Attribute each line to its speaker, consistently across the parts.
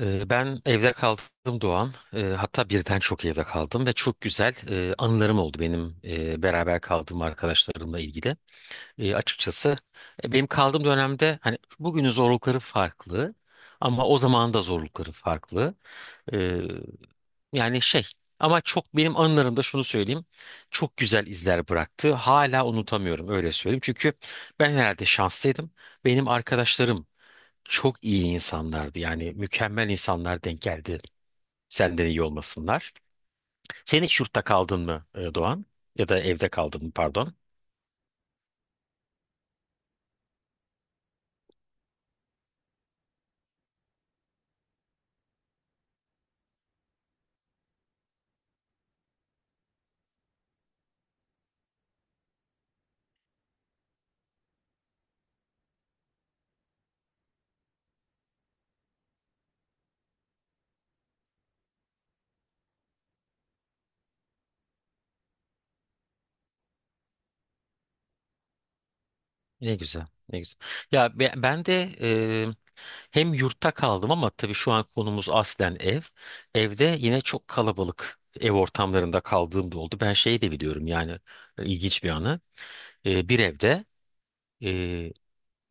Speaker 1: Ben evde kaldım Doğan. Hatta birden çok evde kaldım ve çok güzel anılarım oldu benim beraber kaldığım arkadaşlarımla ilgili. Açıkçası benim kaldığım dönemde hani bugünün zorlukları farklı, ama o zamanın da zorlukları farklı. Ee, Yani ama çok benim anılarımda şunu söyleyeyim. Çok güzel izler bıraktı. Hala unutamıyorum öyle söyleyeyim. Çünkü ben herhalde şanslıydım. Benim arkadaşlarım çok iyi insanlardı. Yani mükemmel insanlar denk geldi. Senden iyi olmasınlar. Sen hiç yurtta kaldın mı, Doğan? Ya da evde kaldın mı, pardon? Ne güzel, ne güzel. Ya ben de hem yurtta kaldım ama tabii şu an konumuz aslen ev. Evde yine çok kalabalık ev ortamlarında kaldığım da oldu. Ben şeyi de biliyorum yani, ilginç bir anı. Bir evde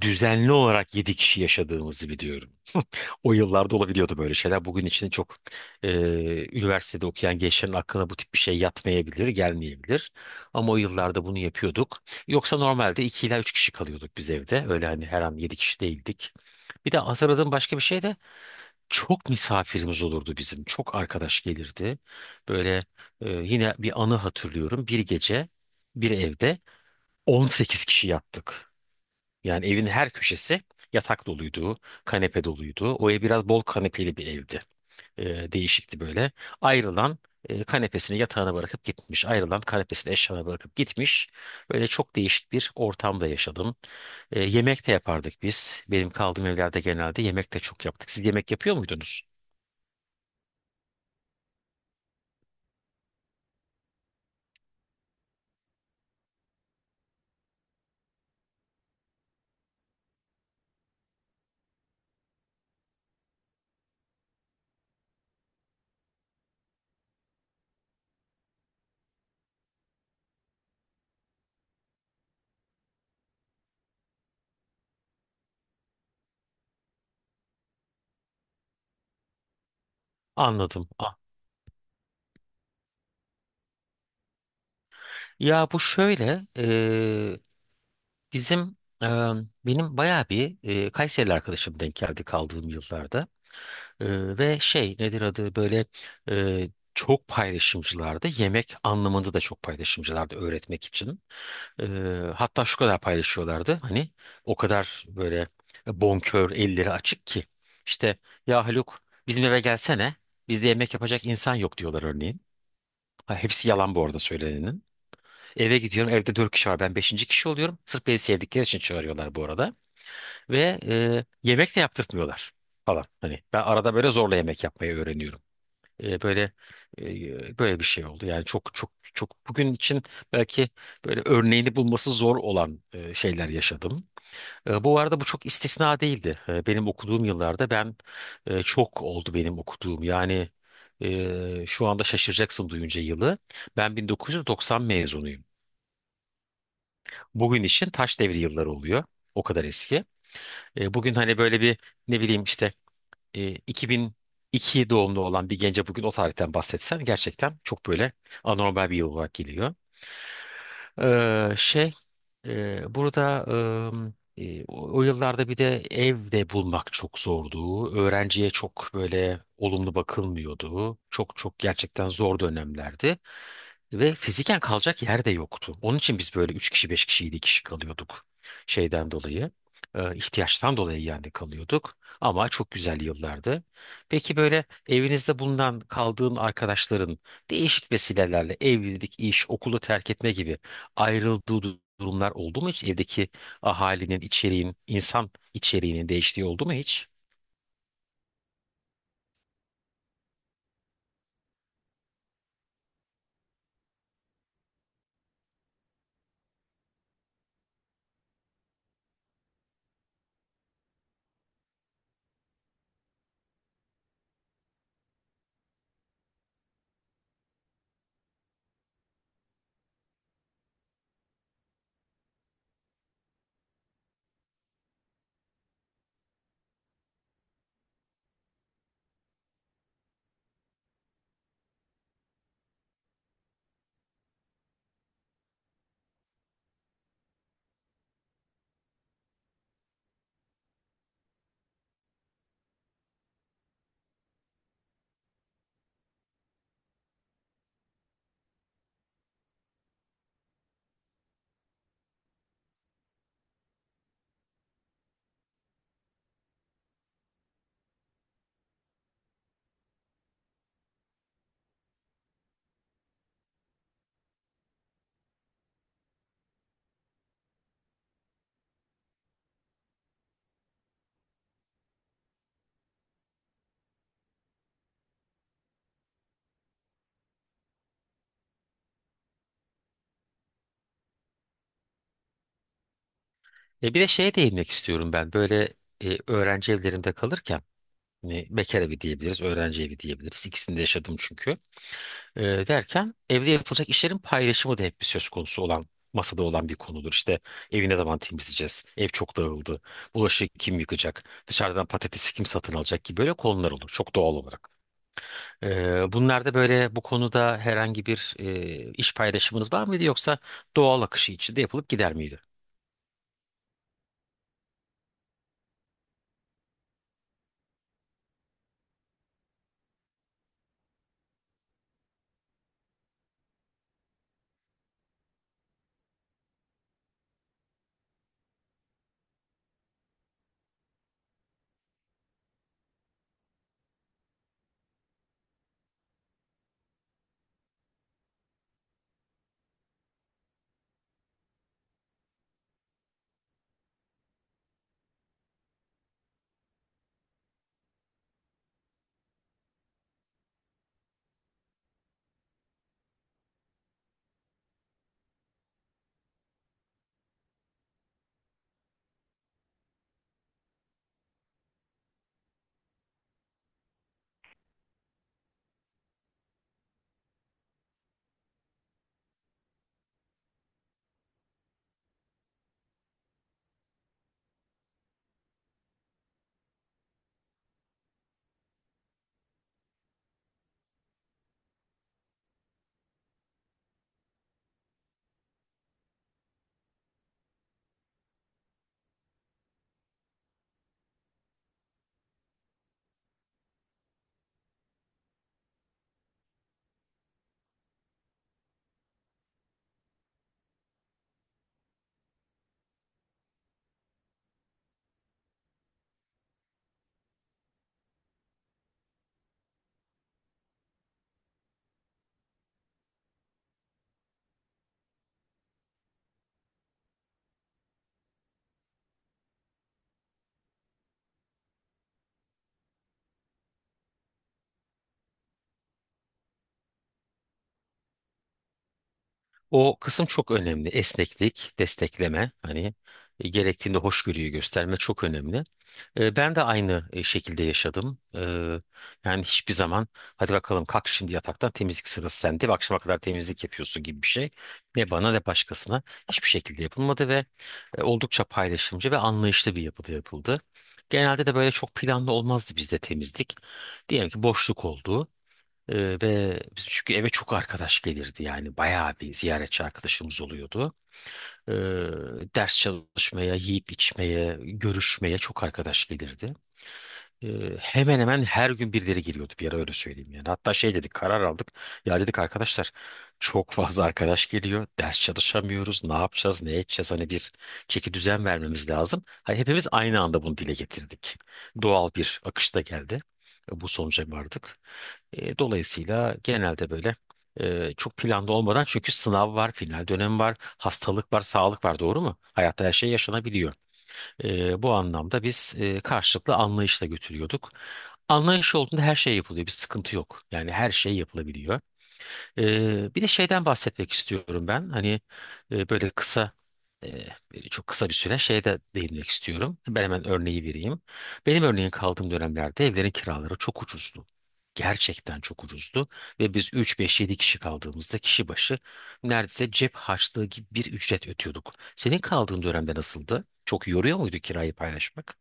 Speaker 1: düzenli olarak 7 kişi yaşadığımızı biliyorum. O yıllarda olabiliyordu böyle şeyler. Bugün için çok, e, üniversitede okuyan gençlerin aklına bu tip bir şey yatmayabilir, gelmeyebilir. Ama o yıllarda bunu yapıyorduk. Yoksa normalde 2 ila 3 kişi kalıyorduk biz evde. Öyle hani her an 7 kişi değildik. Bir de hatırladığım başka bir şey de çok misafirimiz olurdu bizim. Çok arkadaş gelirdi. Böyle, yine bir anı hatırlıyorum. Bir gece bir evde 18 kişi yattık. Yani evin her köşesi yatak doluydu, kanepe doluydu. O ev biraz bol kanepeli bir evdi. Değişikti böyle. Ayrılan kanepesini yatağına bırakıp gitmiş. Ayrılan kanepesini eşyalarına bırakıp gitmiş. Böyle çok değişik bir ortamda yaşadım. Yemek de yapardık biz. Benim kaldığım evlerde genelde yemek de çok yaptık. Siz yemek yapıyor muydunuz? Anladım. Ah. Ya bu şöyle, bizim e, benim bayağı bir Kayserili arkadaşım denk geldi kaldığım yıllarda. Ve şey, nedir adı, böyle e, çok paylaşımcılardı. Yemek anlamında da çok paylaşımcılardı öğretmek için. Ee, Hatta şu kadar paylaşıyorlardı. Hani o kadar böyle bonkör, elleri açık ki. İşte ya Haluk, bizim eve gelsene. Bizde yemek yapacak insan yok diyorlar örneğin. Ha, hepsi yalan bu arada söylenenin. Eve gidiyorum, evde dört kişi var, ben beşinci kişi oluyorum. Sırf beni sevdikleri için çağırıyorlar bu arada. Ve yemek de yaptırtmıyorlar falan. Hani ben arada böyle zorla yemek yapmayı öğreniyorum. E, böyle Böyle bir şey oldu. Yani çok çok çok bugün için belki böyle örneğini bulması zor olan şeyler yaşadım. Bu arada bu çok istisna değildi. Benim okuduğum yıllarda ben çok oldu benim okuduğum. Yani şu anda şaşıracaksın duyunca yılı. Ben 1990 mezunuyum. Bugün için taş devri yılları oluyor. O kadar eski. Bugün hani böyle bir ne bileyim işte 2002 doğumlu olan bir gence bugün o tarihten bahsetsen gerçekten çok böyle anormal bir yıl olarak geliyor. Ee, şey Burada, ım, e, o o yıllarda bir de ev de bulmak çok zordu. Öğrenciye çok böyle olumlu bakılmıyordu. Çok çok gerçekten zor dönemlerdi. Ve fiziken kalacak yer de yoktu. Onun için biz böyle 3 kişi, 5 kişi, 7 kişi kalıyorduk şeyden dolayı. İhtiyaçtan dolayı yani kalıyorduk. Ama çok güzel yıllardı. Peki böyle evinizde bulunan kaldığın arkadaşların değişik vesilelerle evlilik, iş, okulu terk etme gibi ayrıldığı durumlar oldu mu hiç? Evdeki ahalinin, içeriğin, insan içeriğinin değiştiği oldu mu hiç? E bir de şeye değinmek istiyorum ben. Böyle öğrenci evlerinde kalırken, hani bekar evi diyebiliriz, öğrenci evi diyebiliriz. İkisini de yaşadım çünkü. E, Derken evde yapılacak işlerin paylaşımı da hep bir söz konusu olan, masada olan bir konudur. İşte evi ne zaman temizleyeceğiz? Ev çok dağıldı. Bulaşığı kim yıkacak? Dışarıdan patatesi kim satın alacak ki? Böyle konular olur çok doğal olarak. Bunlarda böyle bu konuda herhangi bir iş paylaşımınız var mıydı, yoksa doğal akışı içinde yapılıp gider miydi? O kısım çok önemli. Esneklik, destekleme, hani gerektiğinde hoşgörüyü gösterme çok önemli. E, ben de aynı şekilde yaşadım. Yani hiçbir zaman, hadi bakalım kalk şimdi yataktan, temizlik sırası sende ve akşama kadar temizlik yapıyorsun gibi bir şey, ne bana ne başkasına hiçbir şekilde yapılmadı ve oldukça paylaşımcı ve anlayışlı bir yapıda yapıldı. Genelde de böyle çok planlı olmazdı bizde temizlik. Diyelim ki boşluk oldu. Ve biz, çünkü eve çok arkadaş gelirdi, yani bayağı bir ziyaretçi arkadaşımız oluyordu. Ee, Ders çalışmaya, yiyip içmeye, görüşmeye çok arkadaş gelirdi. Hemen hemen her gün birileri geliyordu bir ara, öyle söyleyeyim yani. Hatta şey dedik, karar aldık. Ya dedik arkadaşlar, çok fazla arkadaş geliyor. Ders çalışamıyoruz. Ne yapacağız? Ne edeceğiz? Hani bir çeki düzen vermemiz lazım. Hani hepimiz aynı anda bunu dile getirdik. Doğal bir akışta geldi. Bu sonuca vardık. Dolayısıyla genelde böyle çok planlı olmadan, çünkü sınav var, final dönemi var, hastalık var, sağlık var, doğru mu? Hayatta her şey yaşanabiliyor. Bu anlamda biz karşılıklı anlayışla götürüyorduk. Anlayış olduğunda her şey yapılıyor. Bir sıkıntı yok. Yani her şey yapılabiliyor. Bir de şeyden bahsetmek istiyorum ben. Hani e, böyle kısa çok kısa bir süre şeye de değinmek istiyorum. Ben hemen örneği vereyim. Benim örneğin kaldığım dönemlerde evlerin kiraları çok ucuzdu. Gerçekten çok ucuzdu ve biz 3, 5, 7 kişi kaldığımızda kişi başı neredeyse cep harçlığı gibi bir ücret ödüyorduk. Senin kaldığın dönemde nasıldı? Çok yoruyor muydu kirayı paylaşmak?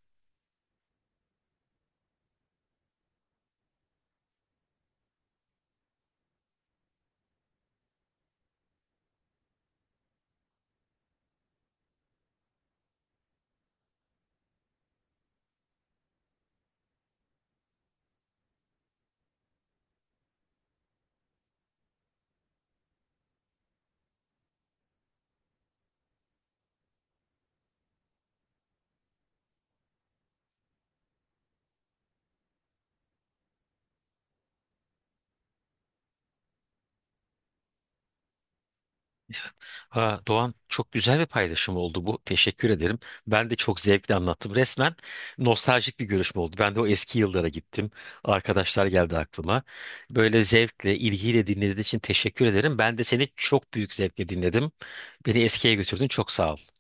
Speaker 1: Ha, Doğan, çok güzel bir paylaşım oldu bu. Teşekkür ederim. Ben de çok zevkle anlattım. Resmen nostaljik bir görüşme oldu. Ben de o eski yıllara gittim. Arkadaşlar geldi aklıma. Böyle zevkle, ilgiyle dinlediğin için teşekkür ederim. Ben de seni çok büyük zevkle dinledim. Beni eskiye götürdün. Çok sağ ol.